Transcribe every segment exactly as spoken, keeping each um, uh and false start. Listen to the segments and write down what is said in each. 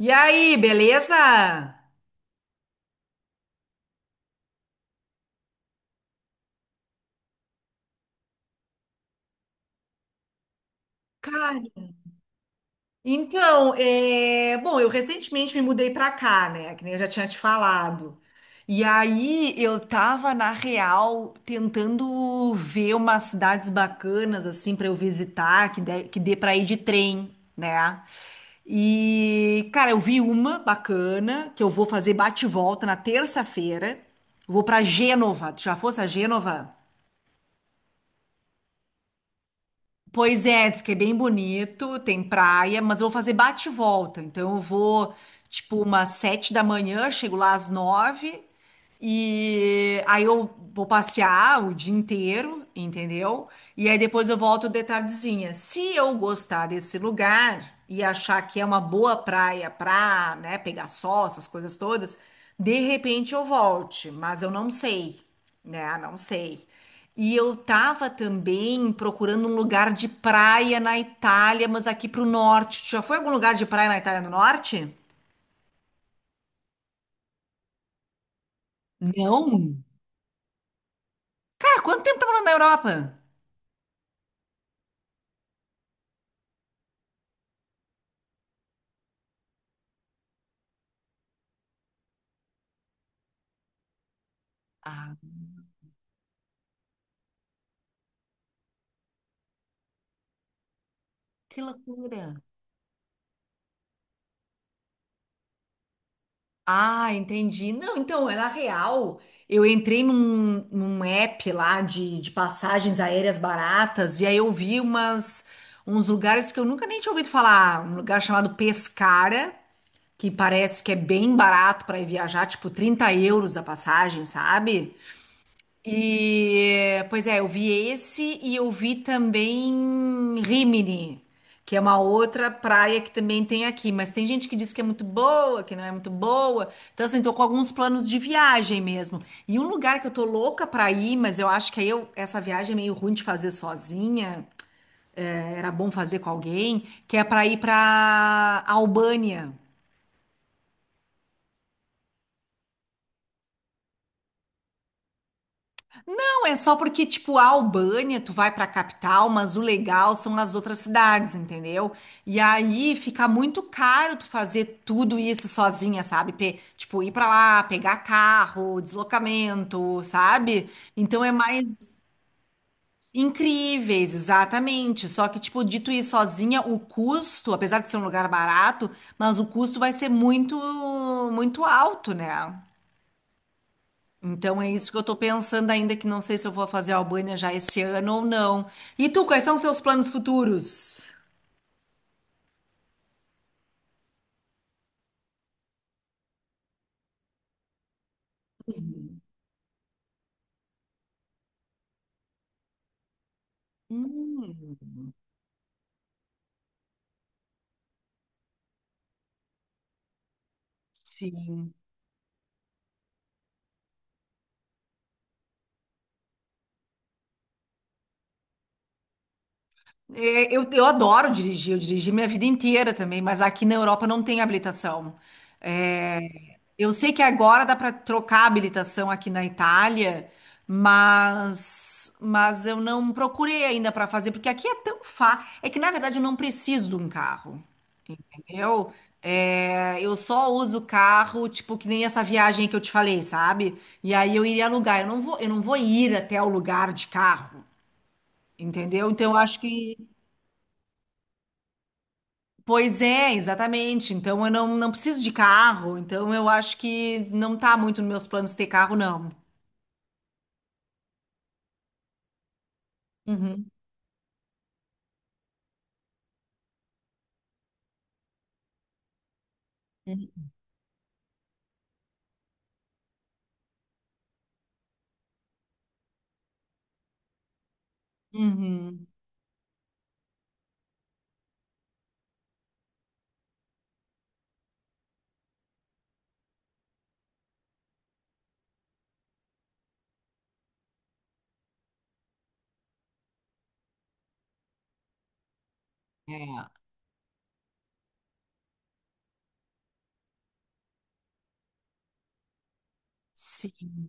E aí, beleza? Cara, então, é... bom, eu recentemente me mudei pra cá, né? Que nem eu já tinha te falado. E aí eu tava, na real, tentando ver umas cidades bacanas, assim, pra eu visitar, que dê, que dê pra ir de trem, né? E, cara, eu vi uma bacana, que eu vou fazer bate-volta e volta na terça-feira. Vou pra Gênova. Tu já fosse a Gênova? Pois é, diz que é bem bonito, tem praia, mas eu vou fazer bate e volta. Então eu vou, tipo, umas sete da manhã, chego lá às nove, e aí eu vou passear o dia inteiro, entendeu? E aí depois eu volto de tardezinha. Se eu gostar desse lugar e achar que é uma boa praia pra, né, pegar sol, essas coisas todas, de repente eu volte, mas eu não sei, né? Não sei. E eu tava também procurando um lugar de praia na Itália, mas aqui pro norte. Tu já foi a algum lugar de praia na Itália do Norte? Não? Cara, quanto tempo tá morando na Europa? Ah, que loucura. Ah, entendi. Não, então, é na real. Eu entrei num, num app lá de, de passagens aéreas baratas e aí eu vi umas, uns lugares que eu nunca nem tinha ouvido falar. Um lugar chamado Pescara, que parece que é bem barato para ir viajar, tipo trinta euros a passagem, sabe? E, pois é, eu vi esse e eu vi também Rimini, que é uma outra praia que também tem aqui, mas tem gente que diz que é muito boa, que não é muito boa. Então, assim, tô com alguns planos de viagem mesmo. E um lugar que eu tô louca pra ir, mas eu acho que aí eu, essa viagem é meio ruim de fazer sozinha, é, era bom fazer com alguém, que é pra ir pra Albânia. Não, é só porque, tipo, a Albânia, tu vai pra capital, mas o legal são as outras cidades, entendeu? E aí fica muito caro tu fazer tudo isso sozinha, sabe? Pe- tipo, ir pra lá, pegar carro, deslocamento, sabe? Então é mais incríveis, exatamente. Só que, tipo, de tu ir sozinha, o custo, apesar de ser um lugar barato, mas o custo vai ser muito, muito alto, né? Então é isso que eu tô pensando ainda, que não sei se eu vou fazer a Albânia já esse ano ou não. E tu, quais são os seus planos futuros? Hum. Sim. É, Eu, eu adoro dirigir, eu dirigi minha vida inteira também, mas aqui na Europa não tem habilitação. É, eu sei que agora dá para trocar a habilitação aqui na Itália, mas, mas eu não procurei ainda para fazer, porque aqui é tão fácil. É que na verdade eu não preciso de um carro, entendeu? É, eu só uso carro, tipo, que nem essa viagem que eu te falei, sabe? E aí eu iria alugar. Eu não vou, eu não vou ir até o lugar de carro, entendeu? Então eu acho que. Pois é, exatamente. Então eu não, não preciso de carro, então eu acho que não tá muito nos meus planos ter carro, não. Uhum, uhum. Uhum. É, sim.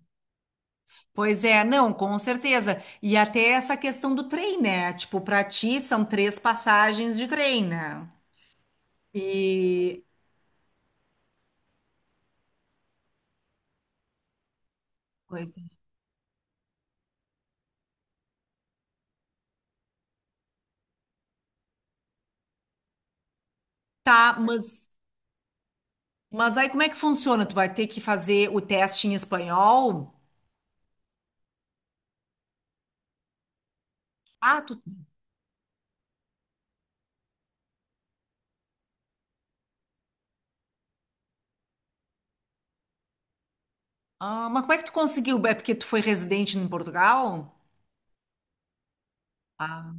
Pois é, não, com certeza. E até essa questão do trem, né? Tipo, pra ti são três passagens de trem, né? E pois é. Tá, mas mas aí como é que funciona? Tu vai ter que fazer o teste em espanhol? Ah, tu... ah, mas como é que tu conseguiu? É porque tu foi residente em Portugal? Ah,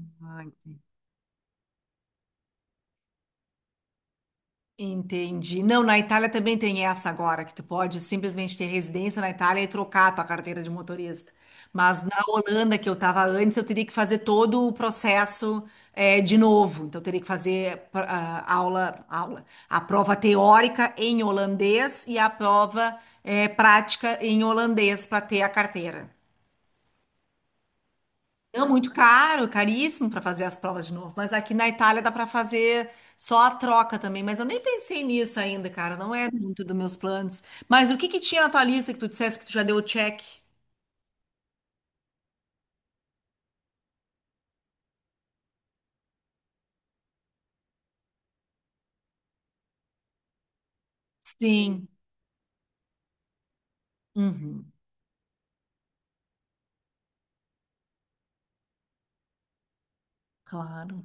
entendi. Não, na Itália também tem essa agora, que tu pode simplesmente ter residência na Itália e trocar a tua carteira de motorista. Mas na Holanda, que eu estava antes, eu teria que fazer todo o processo eh, de novo. Então, eu teria que fazer ah, aula, aula, a prova teórica em holandês e a prova eh, prática em holandês para ter a carteira. Não, muito caro, caríssimo para fazer as provas de novo. Mas aqui na Itália dá para fazer só a troca também. Mas eu nem pensei nisso ainda, cara. Não é muito dos meus planos. Mas o que que tinha na tua lista que tu dissesse que tu já deu o check? Sim. Uhum. Claro.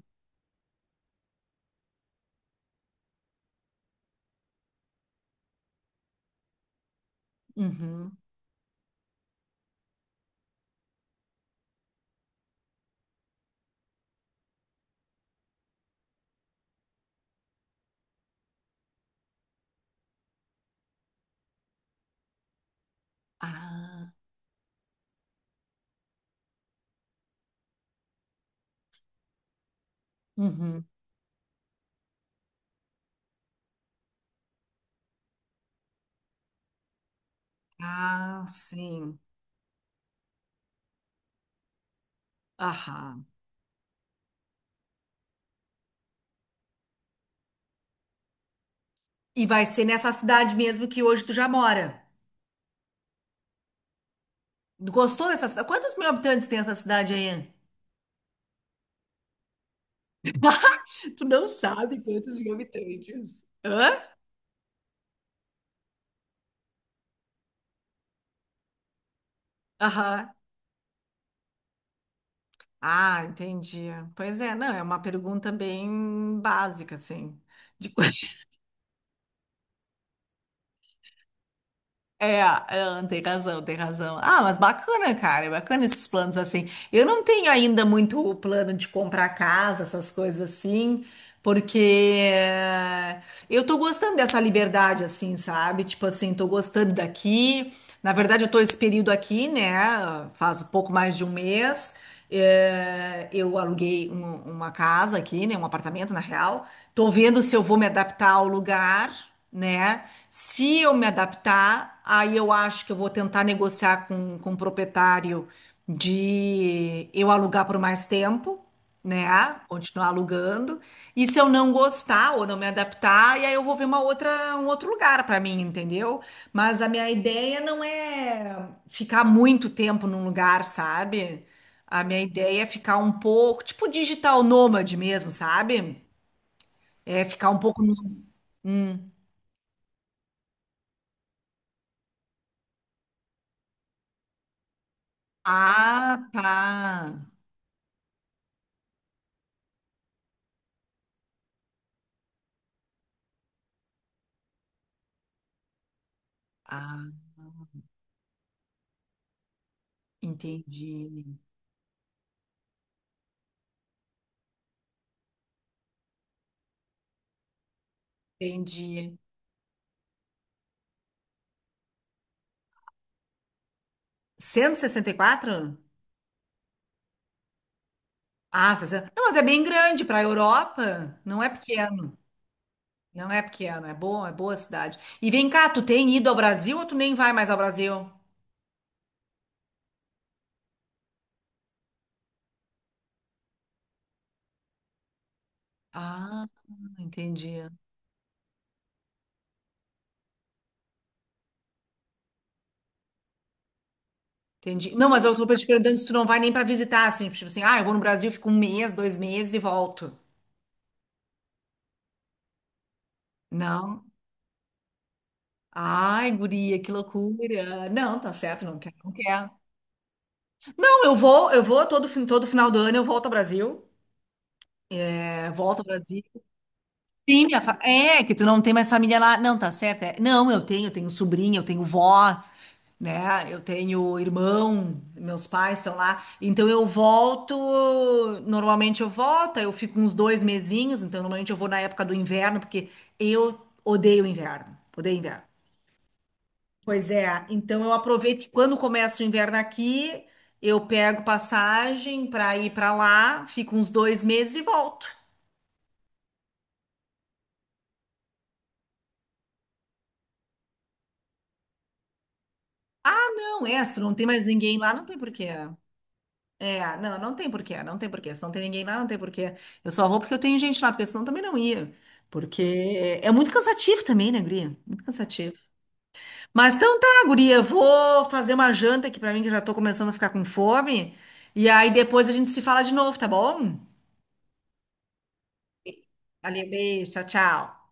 Uhum. Ah. Uhum. Ah, sim. Aham. E vai ser nessa cidade mesmo que hoje tu já mora. Gostou dessa cidade? Quantos mil habitantes tem essa cidade aí? Tu não sabe quantos mil habitantes. Hã? Aham. Ah, entendi. Pois é, não, é uma pergunta bem básica, assim. De co- É, é, tem razão, tem razão. Ah, mas bacana, cara, é bacana esses planos assim. Eu não tenho ainda muito o plano de comprar casa, essas coisas assim, porque eh, eu tô gostando dessa liberdade, assim, sabe? Tipo assim, tô gostando daqui. Na verdade, eu tô esse período aqui, né? Faz pouco mais de um mês. Eh, eu aluguei um- uma casa aqui, né? Um apartamento, na real. Tô vendo se eu vou me adaptar ao lugar, né? Se eu me adaptar, aí eu acho que eu vou tentar negociar com, com o proprietário de eu alugar por mais tempo, né? Continuar alugando. E se eu não gostar ou não me adaptar, e aí eu vou ver uma outra, um outro lugar para mim, entendeu? Mas a minha ideia não é ficar muito tempo num lugar, sabe? A minha ideia é ficar um pouco, tipo digital nômade mesmo, sabe? É ficar um pouco no. Ah, tá. Ah, entendi. Entendi. cento e sessenta e quatro? Ah, sessenta. Não, mas é bem grande para a Europa. Não é pequeno. Não é pequeno. É bom, é boa cidade. E vem cá, tu tem ido ao Brasil ou tu nem vai mais ao Brasil? Ah, entendi. Entendi. Não, mas eu tô te perguntando se tu não vai nem para visitar, assim, tipo assim, ah, eu vou no Brasil, fico um mês, dois meses e volto. Não. Ai, guria, que loucura. Não, tá certo, não quero, não quero. Não, eu vou, eu vou todo, fin- todo final do ano eu volto ao Brasil. É, volto ao Brasil. Sim, minha fa... é, que tu não tem mais família lá. Não, tá certo. É. Não, eu tenho, eu tenho sobrinha, eu tenho vó, né? Eu tenho irmão, meus pais estão lá. Então eu volto, normalmente eu volto, eu fico uns dois mesinhos, então normalmente eu vou na época do inverno, porque eu odeio inverno. Odeio inverno. Pois é, então eu aproveito que quando começa o inverno aqui, eu pego passagem para ir para lá, fico uns dois meses e volto. Ah, não, é, se tu não tem mais ninguém lá, não tem porquê. É, não, não tem porquê, não tem porquê. Se não tem ninguém lá, não tem porquê. Eu só vou porque eu tenho gente lá, porque senão também não ia. Porque é é muito cansativo também, né, guria? Muito cansativo. Mas então tá, guria, vou fazer uma janta aqui pra mim, que eu já tô começando a ficar com fome. E aí depois a gente se fala de novo, tá bom? Valeu, beijo, tchau, tchau.